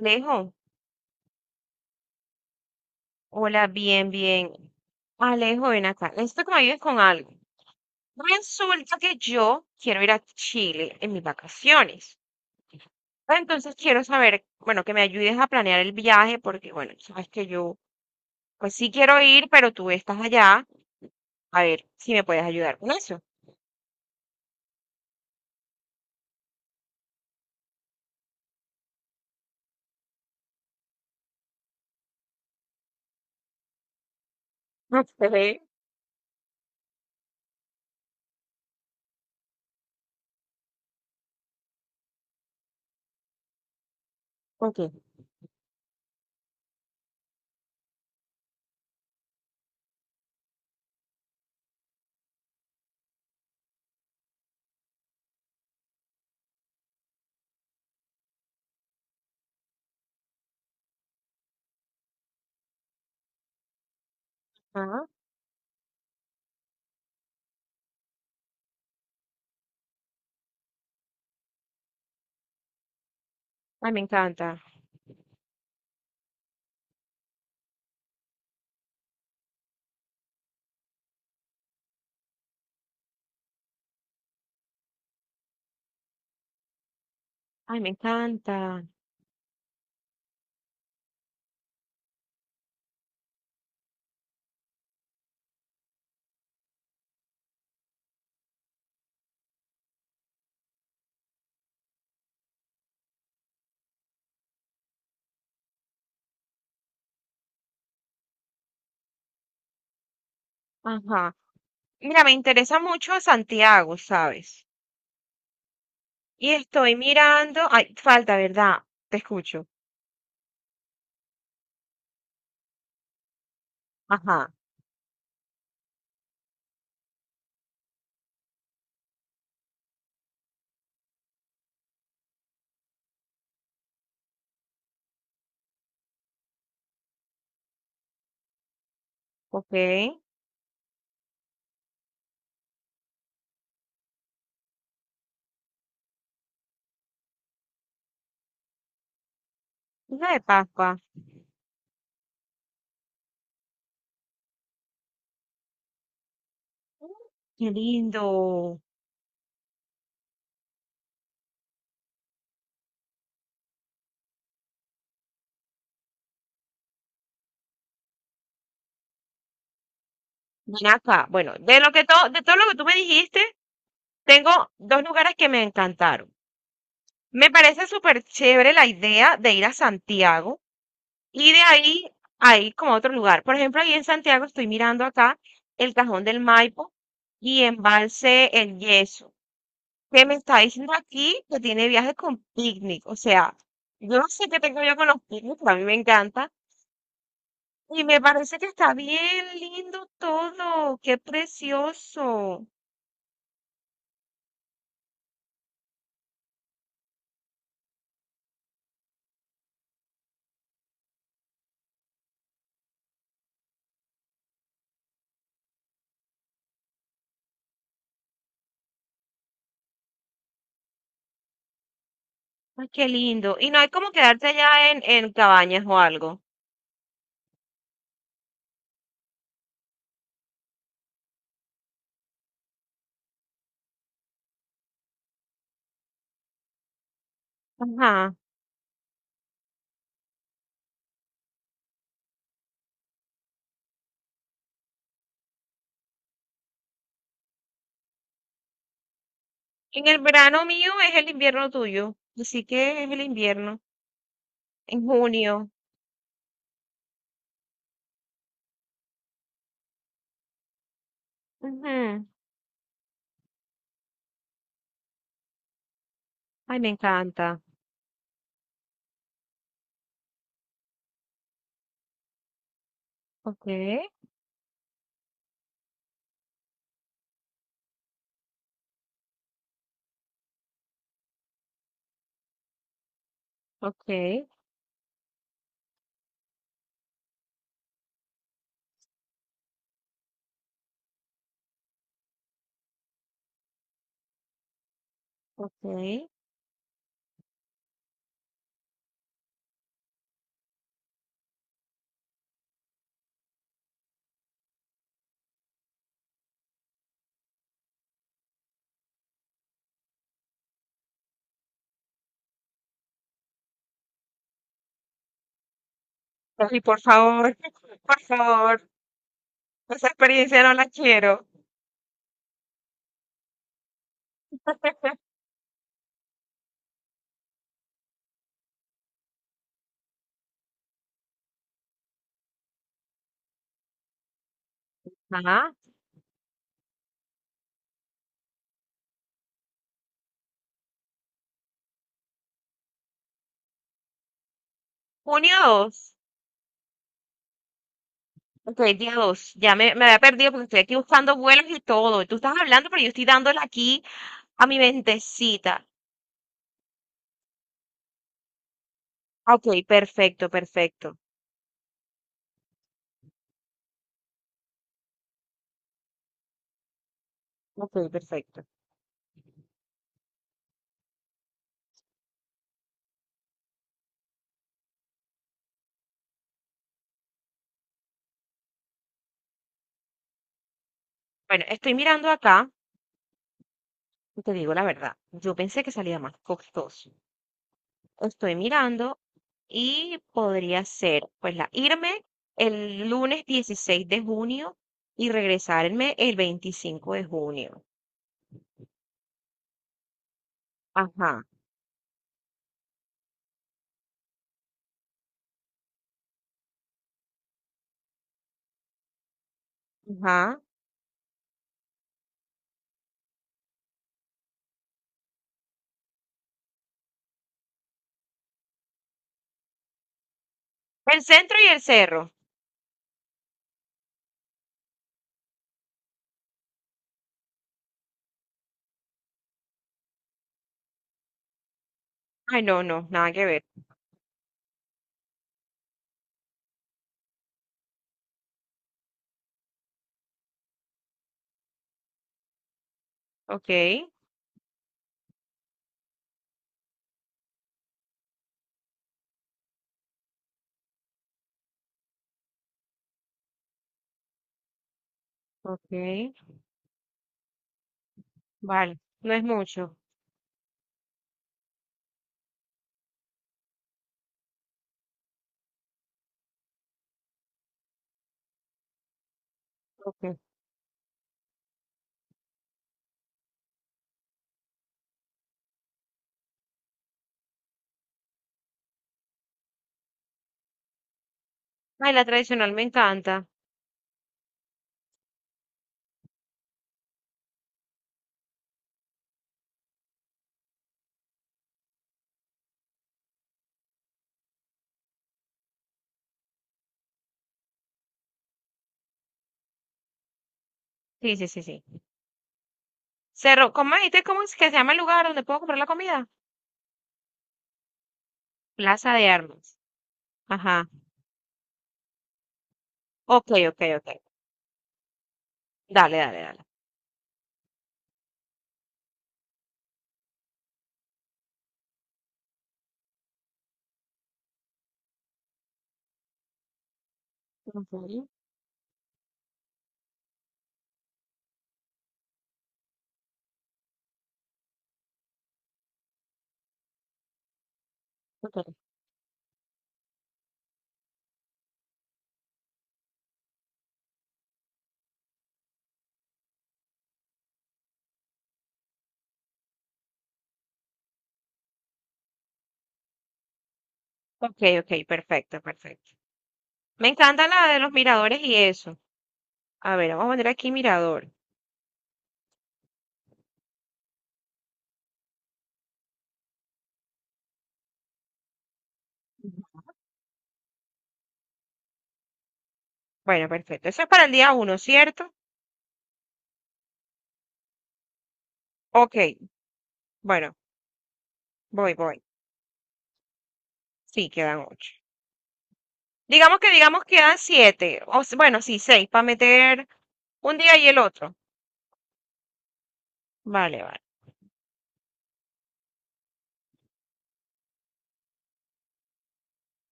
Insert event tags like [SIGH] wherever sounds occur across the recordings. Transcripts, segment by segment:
Alejo, hola, bien, bien. Alejo, ven acá. Necesito que me ayudes con algo. Resulta que yo quiero ir a Chile en mis vacaciones. Entonces quiero saber, bueno, que me ayudes a planear el viaje porque, bueno, sabes que yo, pues sí quiero ir, pero tú estás allá. A ver si me puedes ayudar con eso. Ok. Ok. Ajá. Ay, me encanta. Ay, me encanta. Ajá. Mira, me interesa mucho Santiago, ¿sabes? Y estoy mirando. Ay, falta, ¿verdad? Te escucho. Ajá. Ok. Hija de Pascua. Mm. Qué lindo. Ven acá. Bueno, de todo lo que tú me dijiste, tengo dos lugares que me encantaron. Me parece súper chévere la idea de ir a Santiago y de ahí a ir como a otro lugar. Por ejemplo, ahí en Santiago estoy mirando acá el Cajón del Maipo y Embalse El Yeso, que me está diciendo aquí que tiene viaje con picnic. O sea, yo no sé qué tengo yo con los picnics, pero a mí me encanta. Y me parece que está bien lindo todo. Qué precioso. Ay, qué lindo. Y no hay como quedarte allá en cabañas o algo. Ajá. En el verano mío es el invierno tuyo. Así que es el invierno. En junio. Ujú. Ay, me encanta. Ok, ok, ok. Ay, por favor, [LAUGHS] por favor. Esa experiencia no la quiero. Ajá. Junio 2. Ok, día 2. Ya me había perdido porque estoy aquí buscando vuelos y todo. Tú estás hablando, pero yo estoy dándole aquí a mi mentecita. Ok, perfecto, perfecto. Ok, perfecto. Bueno, estoy mirando acá y te digo la verdad. Yo pensé que salía más costoso. Estoy mirando y podría ser, pues, la irme el lunes 16 de junio y regresarme el 25 de junio. Ajá. Ajá. El centro y el cerro. Ay, no, no, nada que ver. Ok, ok, vale. No es mucho. Okay. Ay, la tradicional me encanta. Sí, sí, sí, sí. Cerro, ¿cómo me dijiste cómo es que se llama el lugar donde puedo comprar la comida? Plaza de Armas. Ajá. Ok, ok, ok. Dale, dale, dale. Ujú. Ok, ok, ok, perfecto, perfecto. Me encanta la de los miradores y eso. A ver, vamos a poner aquí mirador. Bueno, perfecto. Eso es para el día uno, ¿cierto? Ok, bueno, voy, voy. Sí, quedan ocho. Digamos que, digamos, quedan siete. Bueno, sí, seis, para meter un día y el otro. Vale, vale.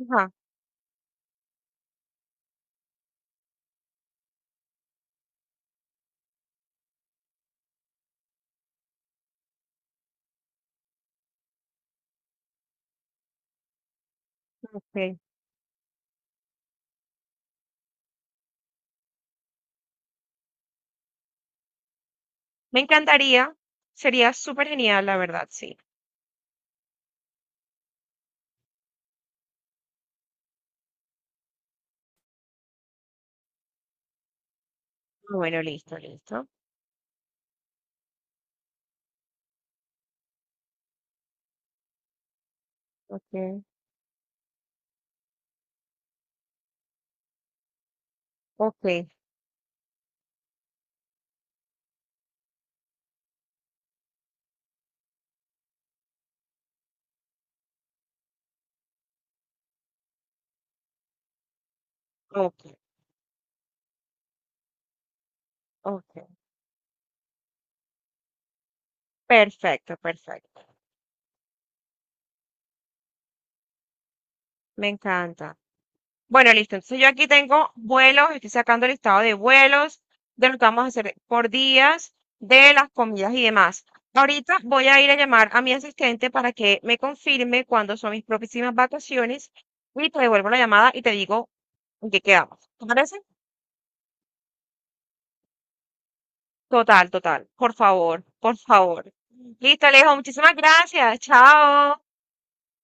Ajá, ok. Me encantaría. Sería súper genial, la verdad, sí. Bueno, listo, listo. Ok, ok, ok, ok. Perfecto, perfecto. Me encanta. Bueno, listo. Entonces yo aquí tengo vuelos, estoy sacando el listado de vuelos, de lo que vamos a hacer por días, de las comidas y demás. Ahorita voy a ir a llamar a mi asistente para que me confirme cuándo son mis próximas vacaciones y te devuelvo la llamada y te digo en qué quedamos. ¿Te parece? Total, total. Por favor, por favor. Listo, Alejo. Muchísimas gracias. Chao.